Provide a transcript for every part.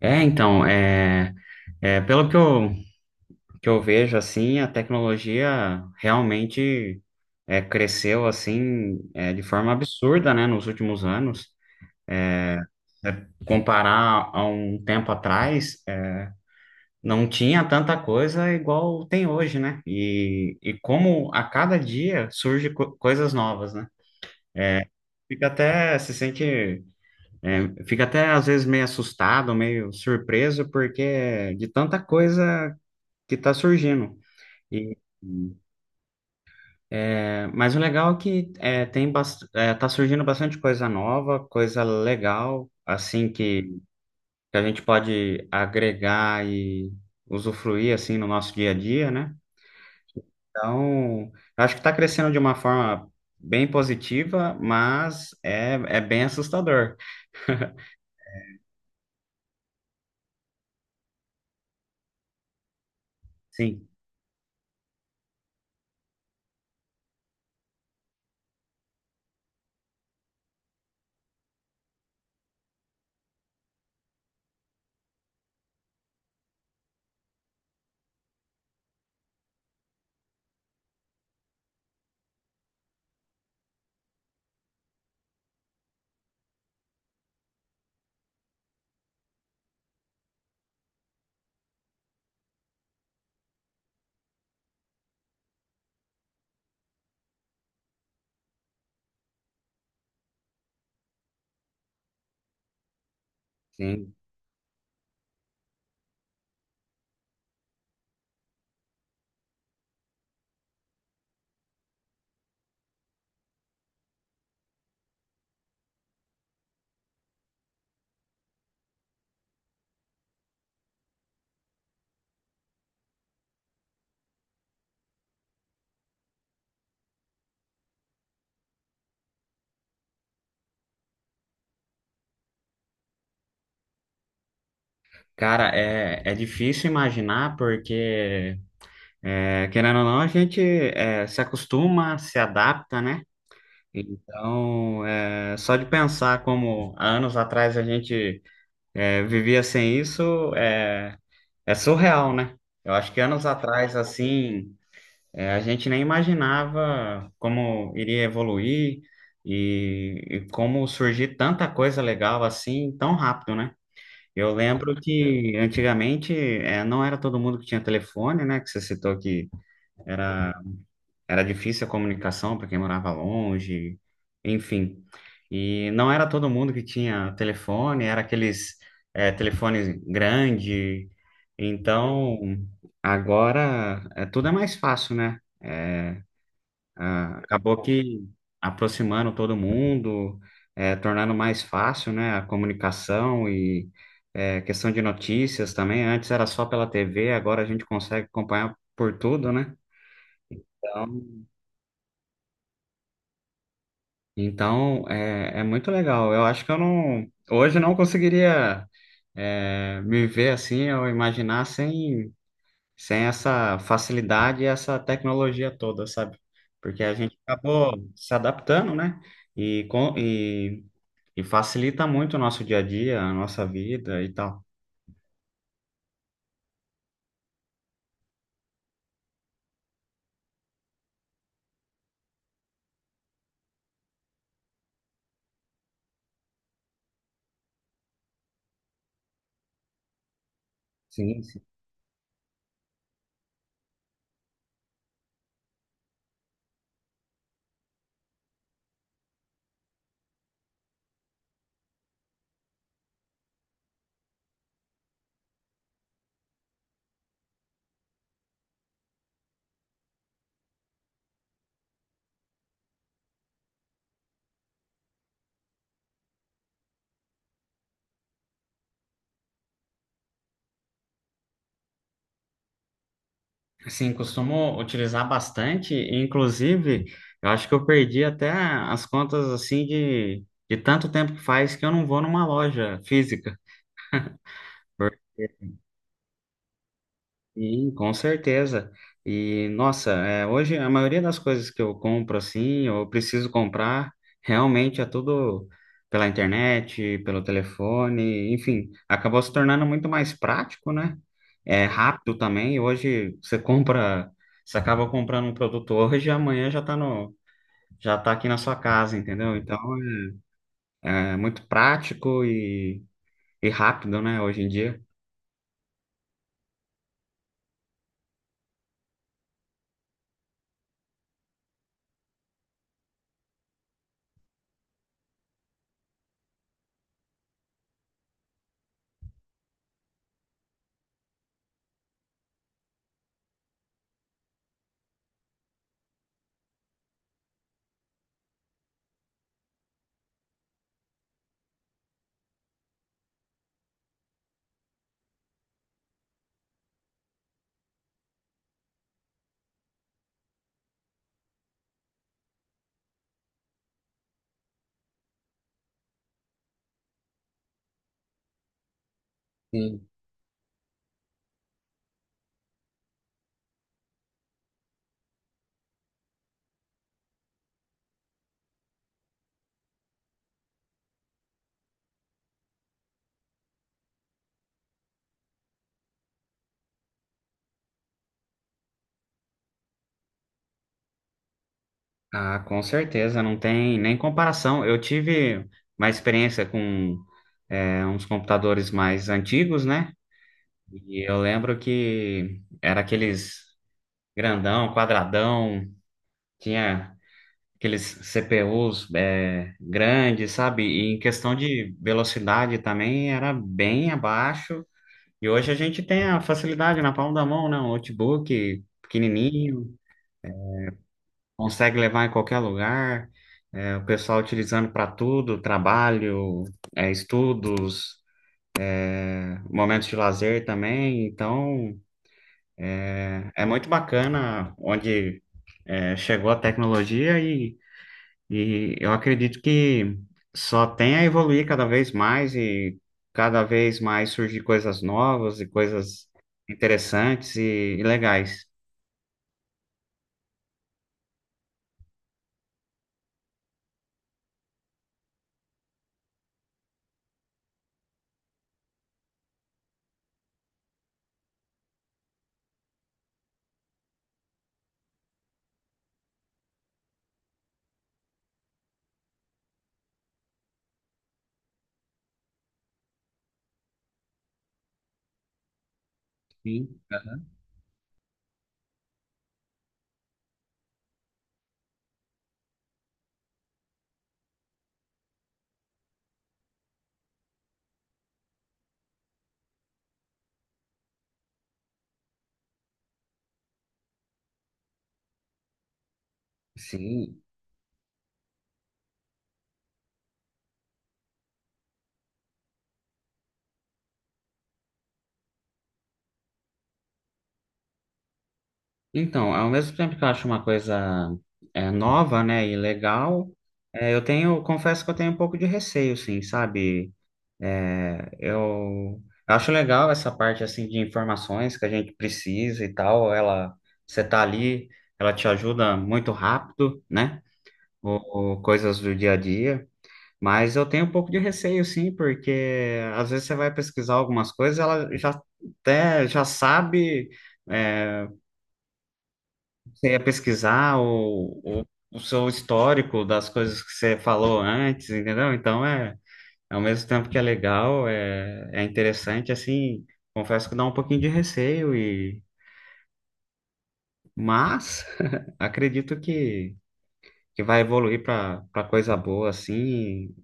É, então, é, é, pelo que eu, que eu vejo, assim, a tecnologia realmente cresceu, assim, de forma absurda, né, nos últimos anos. Comparar a um tempo atrás, não tinha tanta coisa igual tem hoje, né? E como a cada dia surge coisas novas, né? Fica até, se sente, é, fica até às vezes meio assustado, meio surpreso, porque é de tanta coisa que está surgindo. E, mas o legal é que tá surgindo bastante coisa nova, coisa legal, assim que a gente pode agregar e usufruir assim no nosso dia a dia, né? Então, eu acho que está crescendo de uma forma bem positiva, mas é bem assustador. Sim, sim. Cara, é difícil imaginar porque querendo ou não, a gente se acostuma, se adapta, né? Então, só de pensar como há anos atrás a gente vivia sem isso é surreal, né? Eu acho que anos atrás, assim, a gente nem imaginava como iria evoluir e como surgir tanta coisa legal assim tão rápido, né? Eu lembro que antigamente não era todo mundo que tinha telefone, né? Que você citou que era era difícil a comunicação para quem morava longe, enfim. E não era todo mundo que tinha telefone, era aqueles telefones grande. Então, agora tudo é mais fácil, né? Acabou que aproximando todo mundo, tornando mais fácil, né, a comunicação e questão de notícias também. Antes era só pela TV, agora a gente consegue acompanhar por tudo, né? Então, Então, é, é muito legal. Eu acho que eu não, hoje eu não conseguiria me ver assim ou imaginar sem essa facilidade e essa tecnologia toda, sabe? Porque a gente acabou se adaptando, né? E e facilita muito o nosso dia a dia, a nossa vida e tal. Sim, sim. Sim, costumo utilizar bastante, e, inclusive, eu acho que eu perdi até as contas assim de tanto tempo que faz que eu não vou numa loja física. Sim, com certeza. E nossa, é, hoje a maioria das coisas que eu compro assim, realmente é tudo pela internet, pelo telefone, enfim, acabou se tornando muito mais prático, né? É rápido também. Hoje você compra, você acaba comprando um produto hoje e amanhã já tá no, já tá aqui na sua casa, entendeu? Então é muito prático e rápido, né, hoje em dia. Ah, com certeza, não tem nem comparação. Eu tive uma experiência com uns computadores mais antigos, né? E eu lembro que era aqueles grandão, quadradão, tinha aqueles CPUs grandes, sabe? E em questão de velocidade também era bem abaixo. E hoje a gente tem a facilidade na palma da mão, né? Um notebook pequenininho. Consegue levar em qualquer lugar, o pessoal utilizando para tudo, trabalho, estudos, momentos de lazer também. Então, é é muito bacana onde chegou a tecnologia e eu acredito que só tem a evoluir cada vez mais e cada vez mais surgir coisas novas e coisas interessantes e legais. Sim, sim. Então, ao mesmo tempo que eu acho uma coisa nova, né, e legal, confesso que eu tenho um pouco de receio, sim, sabe? É, eu, eu acho legal essa parte, assim, de informações que a gente precisa e tal, você tá ali, ela te ajuda muito rápido, né, ou coisas do dia a dia, mas eu tenho um pouco de receio, sim, porque às vezes você vai pesquisar algumas coisas, ela já sabe... eh, você ia pesquisar o seu histórico das coisas que você falou antes, entendeu? Ao mesmo tempo que é legal, é interessante, assim, confesso que dá um pouquinho de receio e mas acredito que vai evoluir para coisa boa, assim,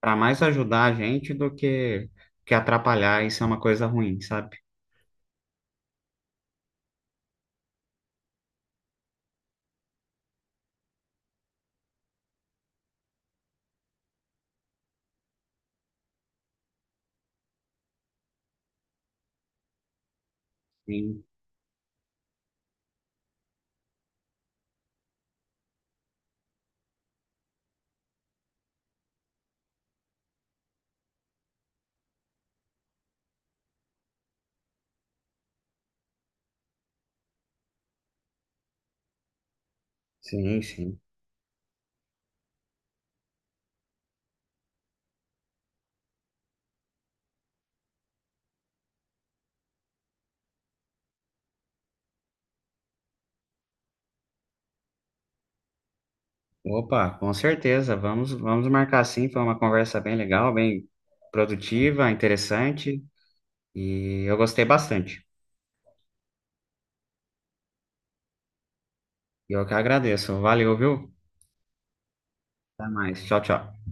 para mais ajudar a gente do que atrapalhar, isso é uma coisa ruim, sabe? Sim, sim, sim. Opa, com certeza. Vamos marcar sim. Foi uma conversa bem legal, bem produtiva, interessante. E eu gostei bastante. E eu que agradeço. Valeu, viu? Até mais. Tchau, tchau.